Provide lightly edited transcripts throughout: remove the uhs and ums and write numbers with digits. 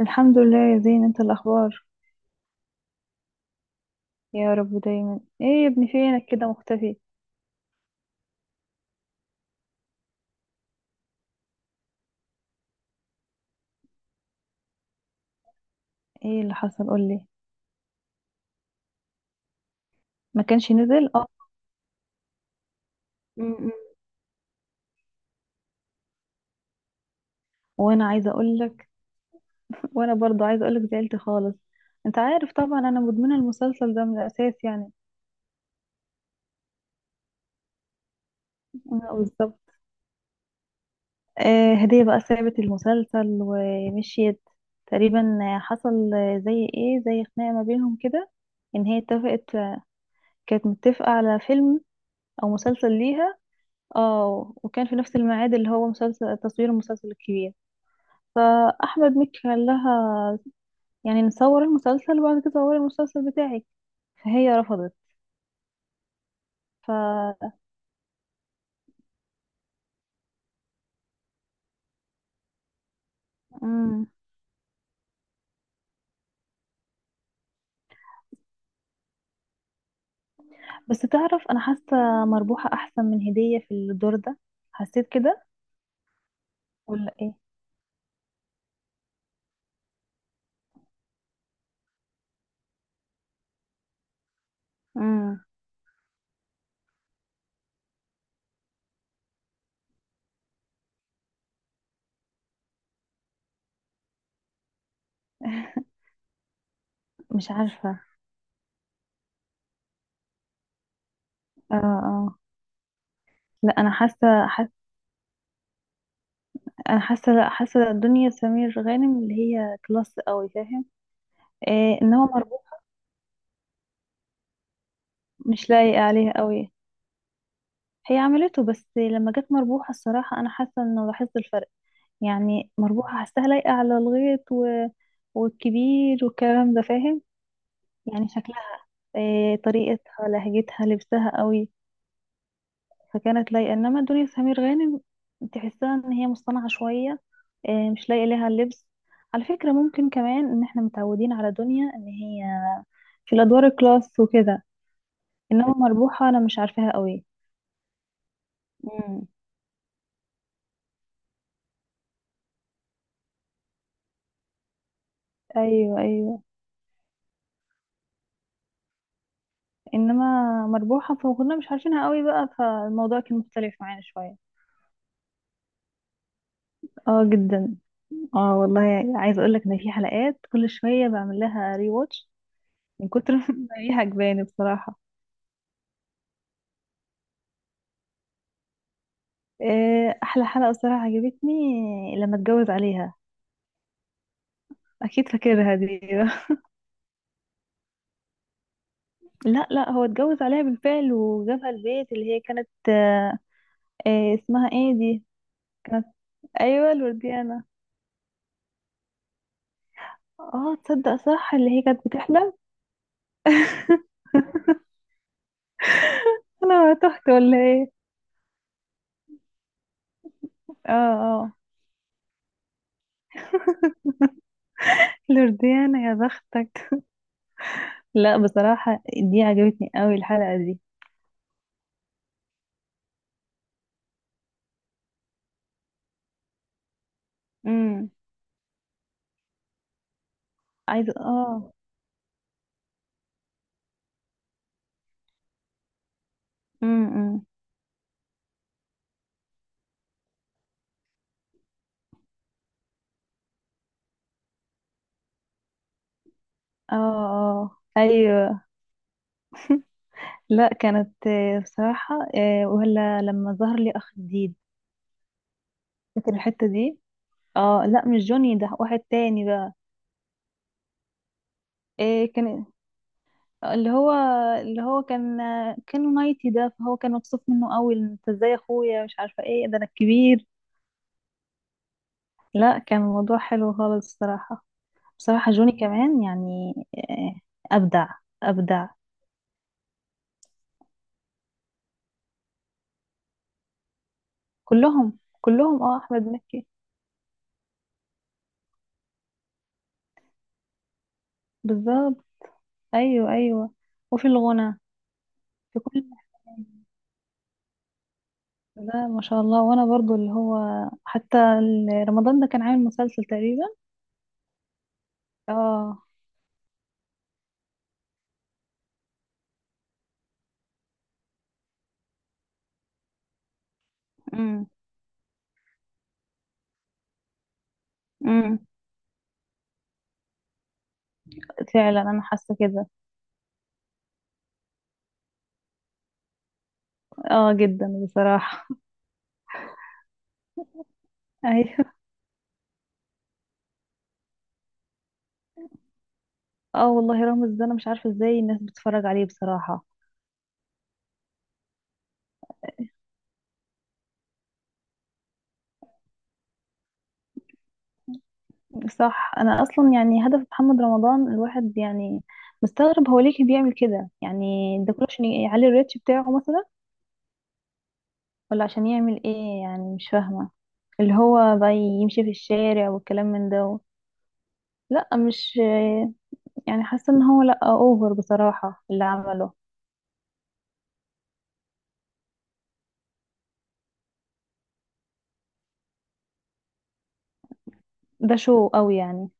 الحمد لله يا زين، انت الاخبار؟ يا رب دايما. ايه يا ابني، فينك كده مختفي؟ ايه اللي حصل؟ قولي. ما كانش نزل، اه. م. وانا عايزه اقول لك. وانا برضو عايزه اقول لك زعلت خالص. انت عارف طبعا انا مدمنه المسلسل ده من الاساس يعني. اه، بالظبط. آه، هديه بقى سابت المسلسل ومشيت. تقريبا حصل زي ايه، زي خناقه ما بينهم كده. ان هي اتفقت، كانت متفقه على فيلم او مسلسل ليها. اه، وكان في نفس الميعاد اللي هو مسلسل تصوير المسلسل الكبير. فأحمد مكي قال لها يعني نصور المسلسل وبعد كده صوري المسلسل بتاعك، فهي رفضت. ف مم. بس تعرف أنا حاسة مربوحة أحسن من هدية في الدور ده، حسيت كده. ولا إيه؟ مم. مش عارفة. اه، اه. لا، أنا حاسة، حاسة. أنا حاسة، لا حاسة دنيا سمير غانم اللي هي كلاس قوي، فاهم؟ إيه، إنما مربوحة مش لايقة عليها قوي. هي عملته بس لما جت مربوحة الصراحة أنا حاسة إنه لاحظت الفرق. يعني مربوحة حاساها لايقة على الغيط والكبير والكلام ده، فاهم؟ يعني شكلها، إيه طريقتها لهجتها لبسها قوي. فكانت لايقة، إنما دنيا سمير غانم تحسها إن هي مصطنعة شوية. إيه، مش لايقة ليها اللبس. على فكرة ممكن كمان إن إحنا متعودين على دنيا إن هي في الأدوار الكلاس وكده. إنما مربوحة أنا مش عارفاها قوي. مم. أيوه، أيوه. انما مربوحة فكنا مش عارفينها قوي بقى، فالموضوع كان مختلف معانا شوية. اه جدا. اه والله، عايزة اقول لك ان في حلقات كل شوية بعمل لها ري واتش، من كتر ما هي عجباني بصراحة. احلى حلقة بصراحة عجبتني لما اتجوز عليها. اكيد فاكرها دي. لا، لا، هو اتجوز عليها بالفعل وجابها البيت اللي هي كانت، اسمها ايه دي؟ كانت. ايوه، الورديانة. اه، تصدق؟ صح، اللي هي كانت بتحلم. انا تهت ولا ايه؟ اه، آه. لورديانا يا بختك. لا، بصراحة دي عجبتني قوي الحلقة دي. امم. عايزة اه امم. اه، اه، ايوه. لا، كانت بصراحة ولا لما ظهر لي اخ جديد. فاكر الحتة دي؟ اه، لا، مش جوني، ده واحد تاني بقى. إيه، كان اللي هو اللي هو كان مايتي ده. فهو كان مبسوط منه قوي، انت ازاي يا اخويا مش عارفة ايه ده، انا الكبير. لا، كان الموضوع حلو خالص الصراحة. بصراحة جوني كمان يعني أبدع، أبدع. كلهم، كلهم، اه، أحمد مكي بالظبط. أيوه، أيوه، وفي الغنى، في كل حاجة. لا ما شاء الله، وأنا برضو اللي هو حتى رمضان ده كان عامل مسلسل تقريبا. اه. امم. امم. فعلا أنا حاسة كده. اه جدا بصراحة. أيوه. اه والله، رامز ده أنا مش عارفة ازاي الناس بتتفرج عليه بصراحة. صح. انا اصلا يعني هدف محمد رمضان الواحد، يعني مستغرب هو ليه بيعمل كده يعني. ده كله عشان يعلي الريتش بتاعه مثلا، ولا عشان يعمل ايه يعني؟ مش فاهمة. اللي هو بقى يمشي في الشارع والكلام من ده. لا، مش يعني حاسة ان هو لا اوفر بصراحة اللي عمله. ده شو قوي يعني.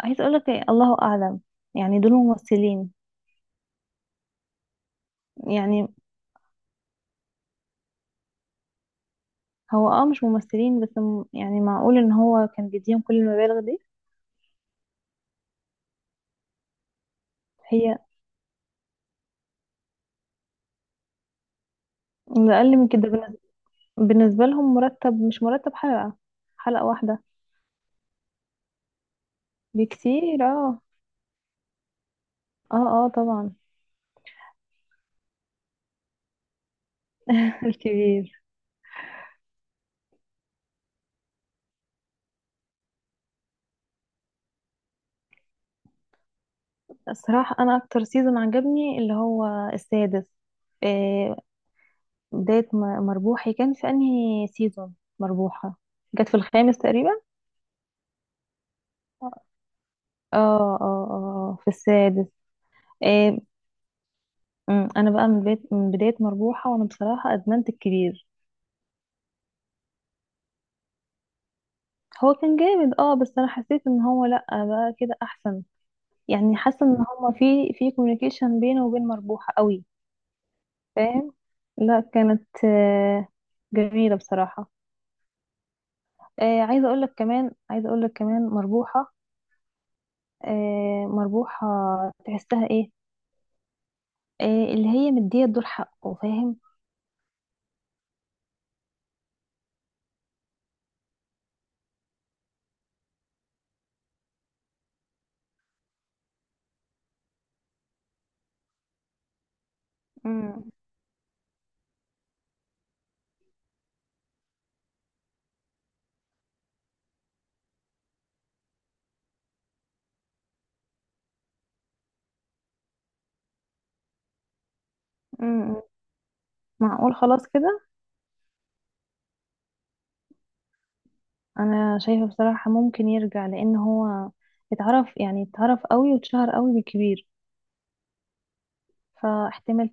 عايز اقولك إيه؟ الله اعلم. يعني دول ممثلين؟ يعني هو مش ممثلين بس، يعني معقول ان هو كان بيديهم كل المبالغ دي؟ هي ده اقل من كده. بالنسبة لهم مرتب، مش مرتب حلقة. حلقة واحدة. بكتير، اه. اه. اه طبعا. الكبير. الصراحة أنا أكتر سيزون عجبني اللي هو السادس. آه. بداية مربوحي كان في أنهي سيزون؟ مربوحة جت في الخامس تقريبا. اه. اه، اه، في السادس. آه. أنا بقى من بداية مربوحة وأنا بصراحة أدمنت الكبير. هو كان جامد، بس أنا حسيت إن هو لأ بقى كده أحسن. يعني حاسه ان هما في كوميونيكيشن بينه وبين مربوحه قوي، فاهم؟ لا، كانت جميله بصراحه. عايزه اقول لك كمان مربوحه. مربوحه تحسها، ايه، آه، اللي هي مديه الدور حقه، فاهم؟ امم. امم. معقول خلاص كده؟ انا شايفه بصراحه ممكن يرجع، لان هو اتعرف قوي واتشهر قوي بالكبير. فاحتمال.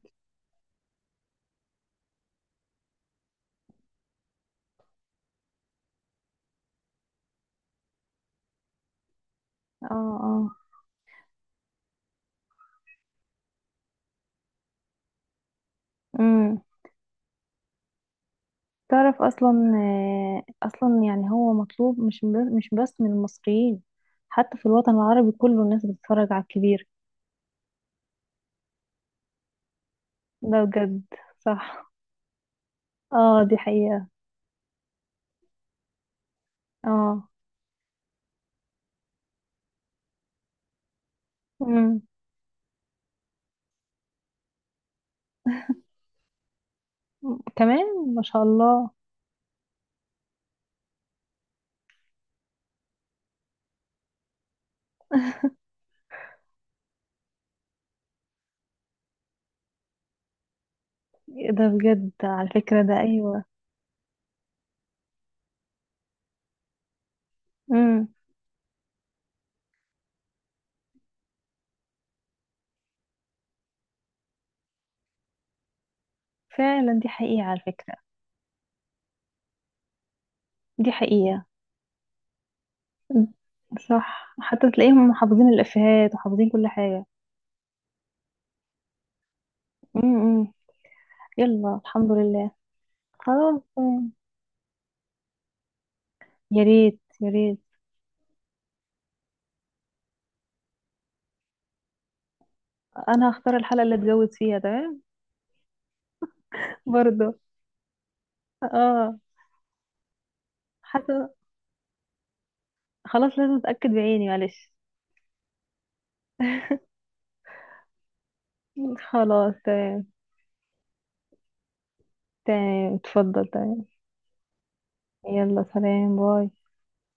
اه. اه. مم. تعرف اصلا اصلا يعني هو مطلوب، مش بس من المصريين، حتى في الوطن العربي كله الناس بتتفرج على الكبير. ده بجد. صح. اه، دي حقيقة. اه. امم. كمان ما شاء الله. ده بجد على فكرة، ده ايوه. امم. فعلا دي حقيقة على فكرة. دي حقيقة. أمم. صح، حتى تلاقيهم محافظين الافيهات وحافظين كل حاجة. امم، أمم. يلا، الحمد لله. خلاص، مم. يا ريت، يا ريت. انا هختار الحلقه اللي اتجوز فيها، تمام. برضه. اه. حتى. خلاص لازم اتاكد بعيني، معلش. خلاص تمام. تمام، اتفضل، تمام. يلا سلام، باي.